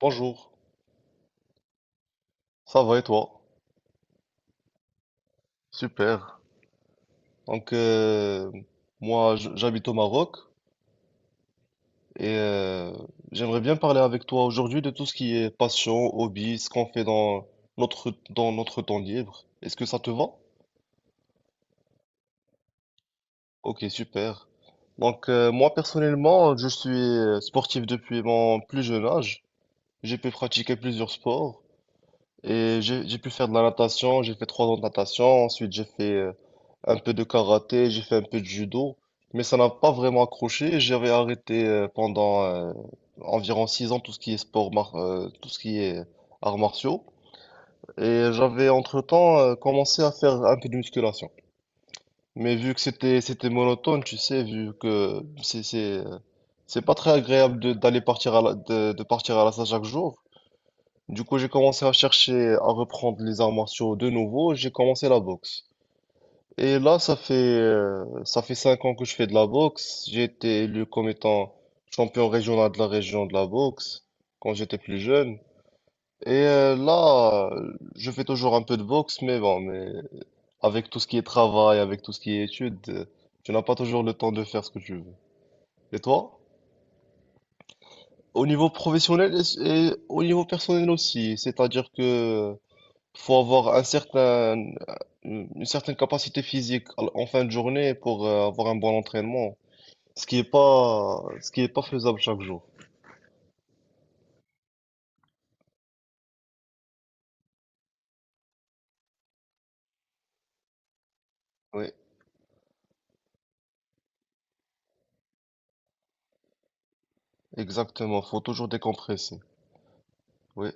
Bonjour, ça va et toi? Super. Donc, moi, j'habite au Maroc et j'aimerais bien parler avec toi aujourd'hui de tout ce qui est passion, hobby, ce qu'on fait dans dans notre temps libre. Est-ce que ça te va? Ok, super. Donc, moi, personnellement, je suis sportif depuis mon plus jeune âge. J'ai pu pratiquer plusieurs sports. Et j'ai pu faire de la natation, j'ai fait 3 ans de natation, ensuite j'ai fait un peu de karaté, j'ai fait un peu de judo, mais ça n'a pas vraiment accroché. Et j'avais arrêté pendant environ 6 ans tout ce qui est sport, tout ce qui est arts martiaux, et j'avais entre-temps commencé à faire un peu de musculation. Mais vu que c'était monotone, tu sais, vu que c'est pas très agréable de- d'aller partir à la, de partir à la salle chaque jour. Du coup, j'ai commencé à chercher à reprendre les arts martiaux de nouveau. J'ai commencé la boxe. Et là, ça fait 5 ans que je fais de la boxe. J'ai été élu comme étant champion régional de la région de la boxe quand j'étais plus jeune. Et là, je fais toujours un peu de boxe, mais bon, mais avec tout ce qui est travail, avec tout ce qui est études, tu n'as pas toujours le temps de faire ce que tu veux. Et toi? Au niveau professionnel et au niveau personnel aussi, c'est-à-dire que faut avoir une certaine capacité physique en fin de journée pour avoir un bon entraînement, ce qui est pas faisable chaque jour. Oui, exactement. Faut toujours décompresser. Oui,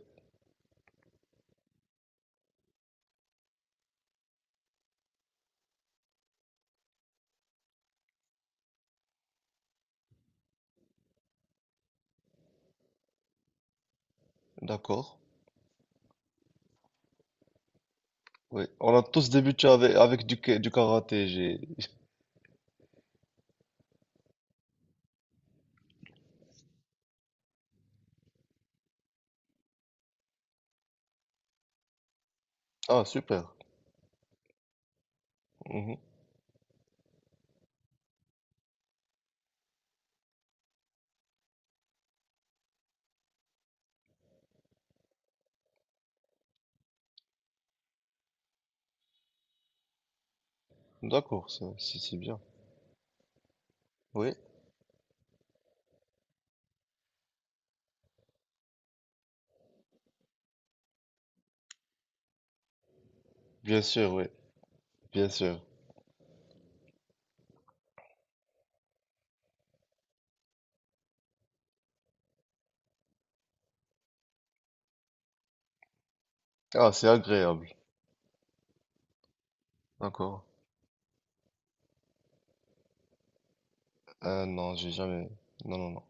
d'accord. Oui, on a tous débuté avec, du karaté. J'ai... Ah, super. Mhm. D'accord, c'est bien. Oui, bien sûr, oui, bien sûr. Ah, c'est agréable. D'accord. Non, j'ai jamais. Non, non, non.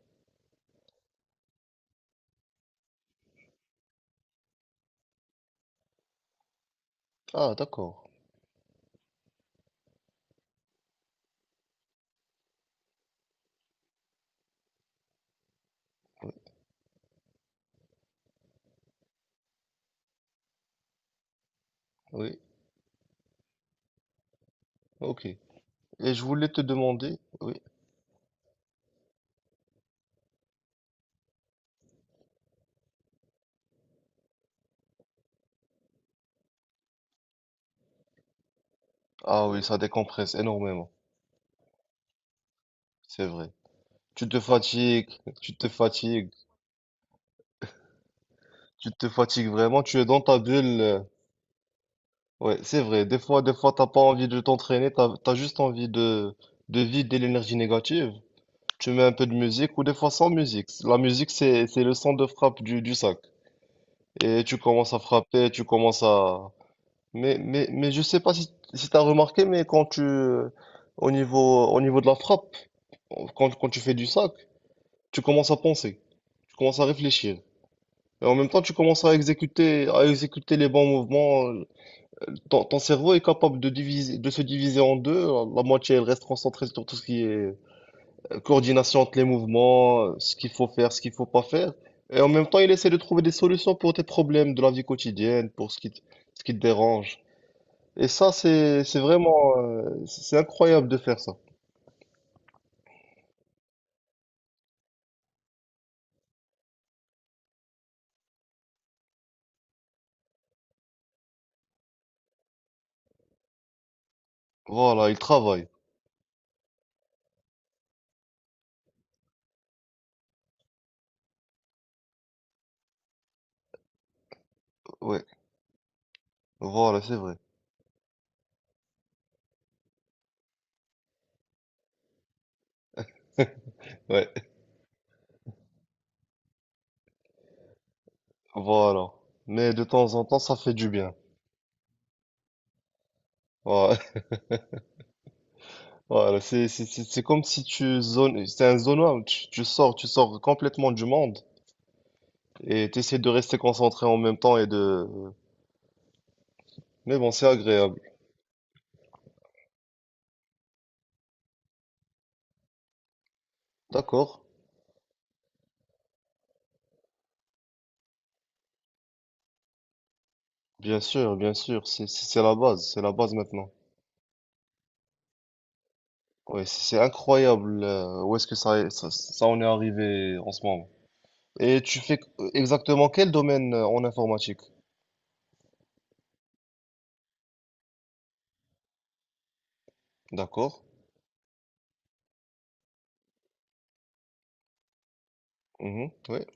Ah, d'accord. Oui, ok. Et je voulais te demander, oui. Ah oui, ça décompresse énormément, c'est vrai. Tu te fatigues, tu te fatigues, tu te fatigues vraiment, tu es dans ta bulle. Ouais, c'est vrai. Des fois, t'as pas envie de t'entraîner, t'as juste envie de, vider l'énergie négative. Tu mets un peu de musique ou des fois sans musique. La musique, c'est le son de frappe du sac. Et tu commences à frapper, tu commences à... Mais je sais pas si t'as remarqué, mais au niveau de la frappe, quand tu fais du sac, tu commences à penser. Tu commences à réfléchir. Et en même temps, tu commences à exécuter les bons mouvements. Ton cerveau est capable de diviser, de se diviser en deux. La moitié, elle reste concentrée sur tout ce qui est coordination entre les mouvements, ce qu'il faut faire, ce qu'il faut pas faire. Et en même temps, il essaie de trouver des solutions pour tes problèmes de la vie quotidienne, pour ce qui te dérange. Et ça, c'est incroyable de faire ça. Voilà, il travaille. Ouais, voilà, c'est vrai. Ouais, voilà. Mais de temps en temps, ça fait du bien. Voilà. Voilà, c'est comme si tu zones, c'est un zone out, tu sors complètement du monde et tu essaies de rester concentré en même temps et de... Mais bon, c'est agréable. D'accord, bien sûr, c'est la base, c'est la base maintenant. Ouais, c'est incroyable où est-ce que ça en est arrivé en ce moment. Et tu fais exactement quel domaine en informatique? D'accord, mhm, ouais.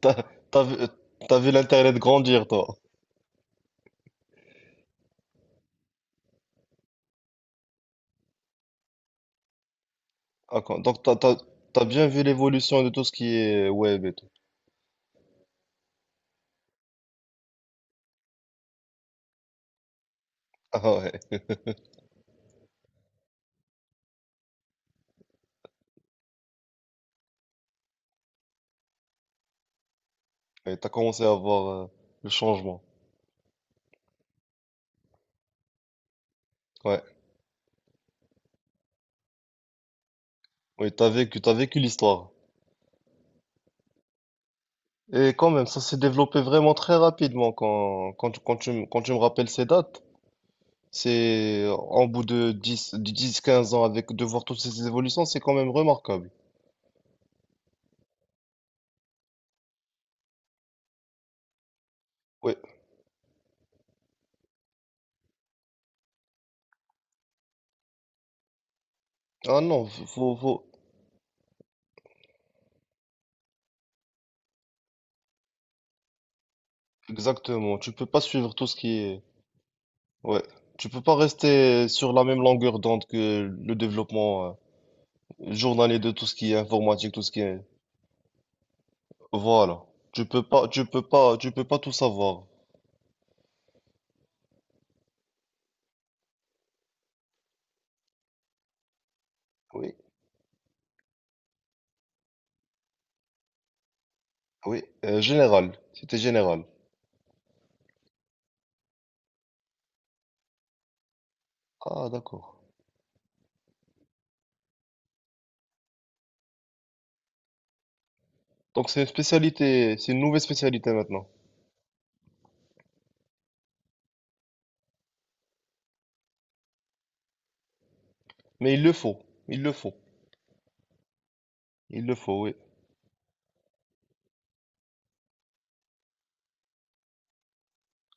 T'as, t'as vu, euh, t'as vu l'Internet grandir, toi. Ah, donc t'as bien vu l'évolution de tout ce qui est web et tout. Ah ouais, ouais, t'as commencé à voir le changement. Ouais, oui, t'as vécu l'histoire. Et quand même, ça s'est développé vraiment très rapidement quand tu me rappelles ces dates. C'est en bout de 10-15 ans avec de voir toutes ces évolutions, c'est quand même remarquable. Ouais. Ah non, exactement. Tu peux pas suivre tout ce qui est, ouais. Tu peux pas rester sur la même longueur d'onde que le développement, journalier de tout ce qui est informatique, tout ce qui est... Voilà. Tu peux pas, tu peux pas, tu peux pas tout savoir. Oui, oui. Général. C'était général. Ah, d'accord. Donc c'est une nouvelle spécialité maintenant. Mais il le faut. Il le faut. Il le faut, oui.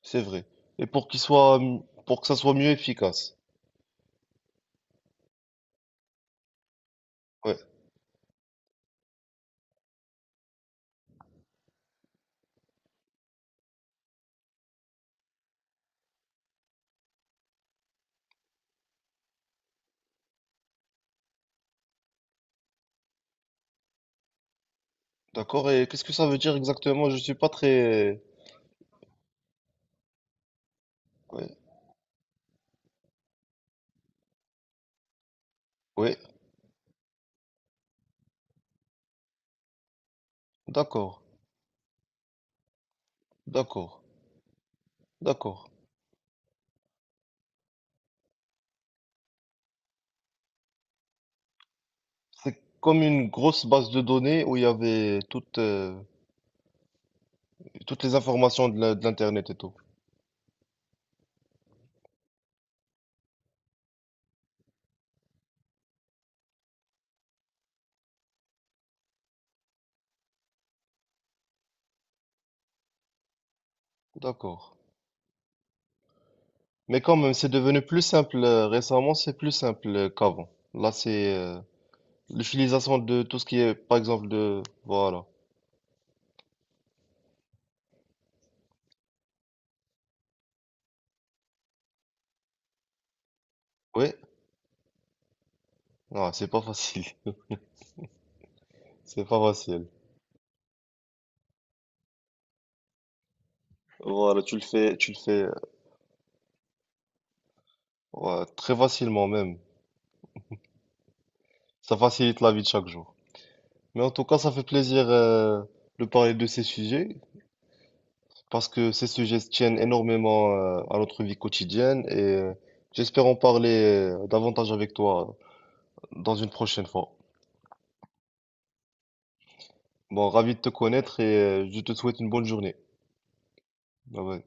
C'est vrai. Et pour que ça soit mieux efficace. Ouais, d'accord. Et qu'est-ce que ça veut dire exactement? Je suis pas très... Ouais, ouais. D'accord. D'accord. D'accord. C'est comme une grosse base de données où il y avait toutes... toutes les informations de l'Internet et tout. D'accord. Mais quand même, c'est devenu plus simple récemment, c'est plus simple qu'avant. Là, c'est l'utilisation de tout ce qui est, par exemple, de... Voilà. Oui, non, c'est pas facile. C'est pas facile. Voilà, tu le fais ouais, très facilement même. Ça facilite la vie de chaque jour. Mais en tout cas, ça fait plaisir de parler de ces sujets, parce que ces sujets tiennent énormément à notre vie quotidienne et j'espère en parler davantage avec toi dans une prochaine fois. Bon, ravi de te connaître et je te souhaite une bonne journée. Bye bye.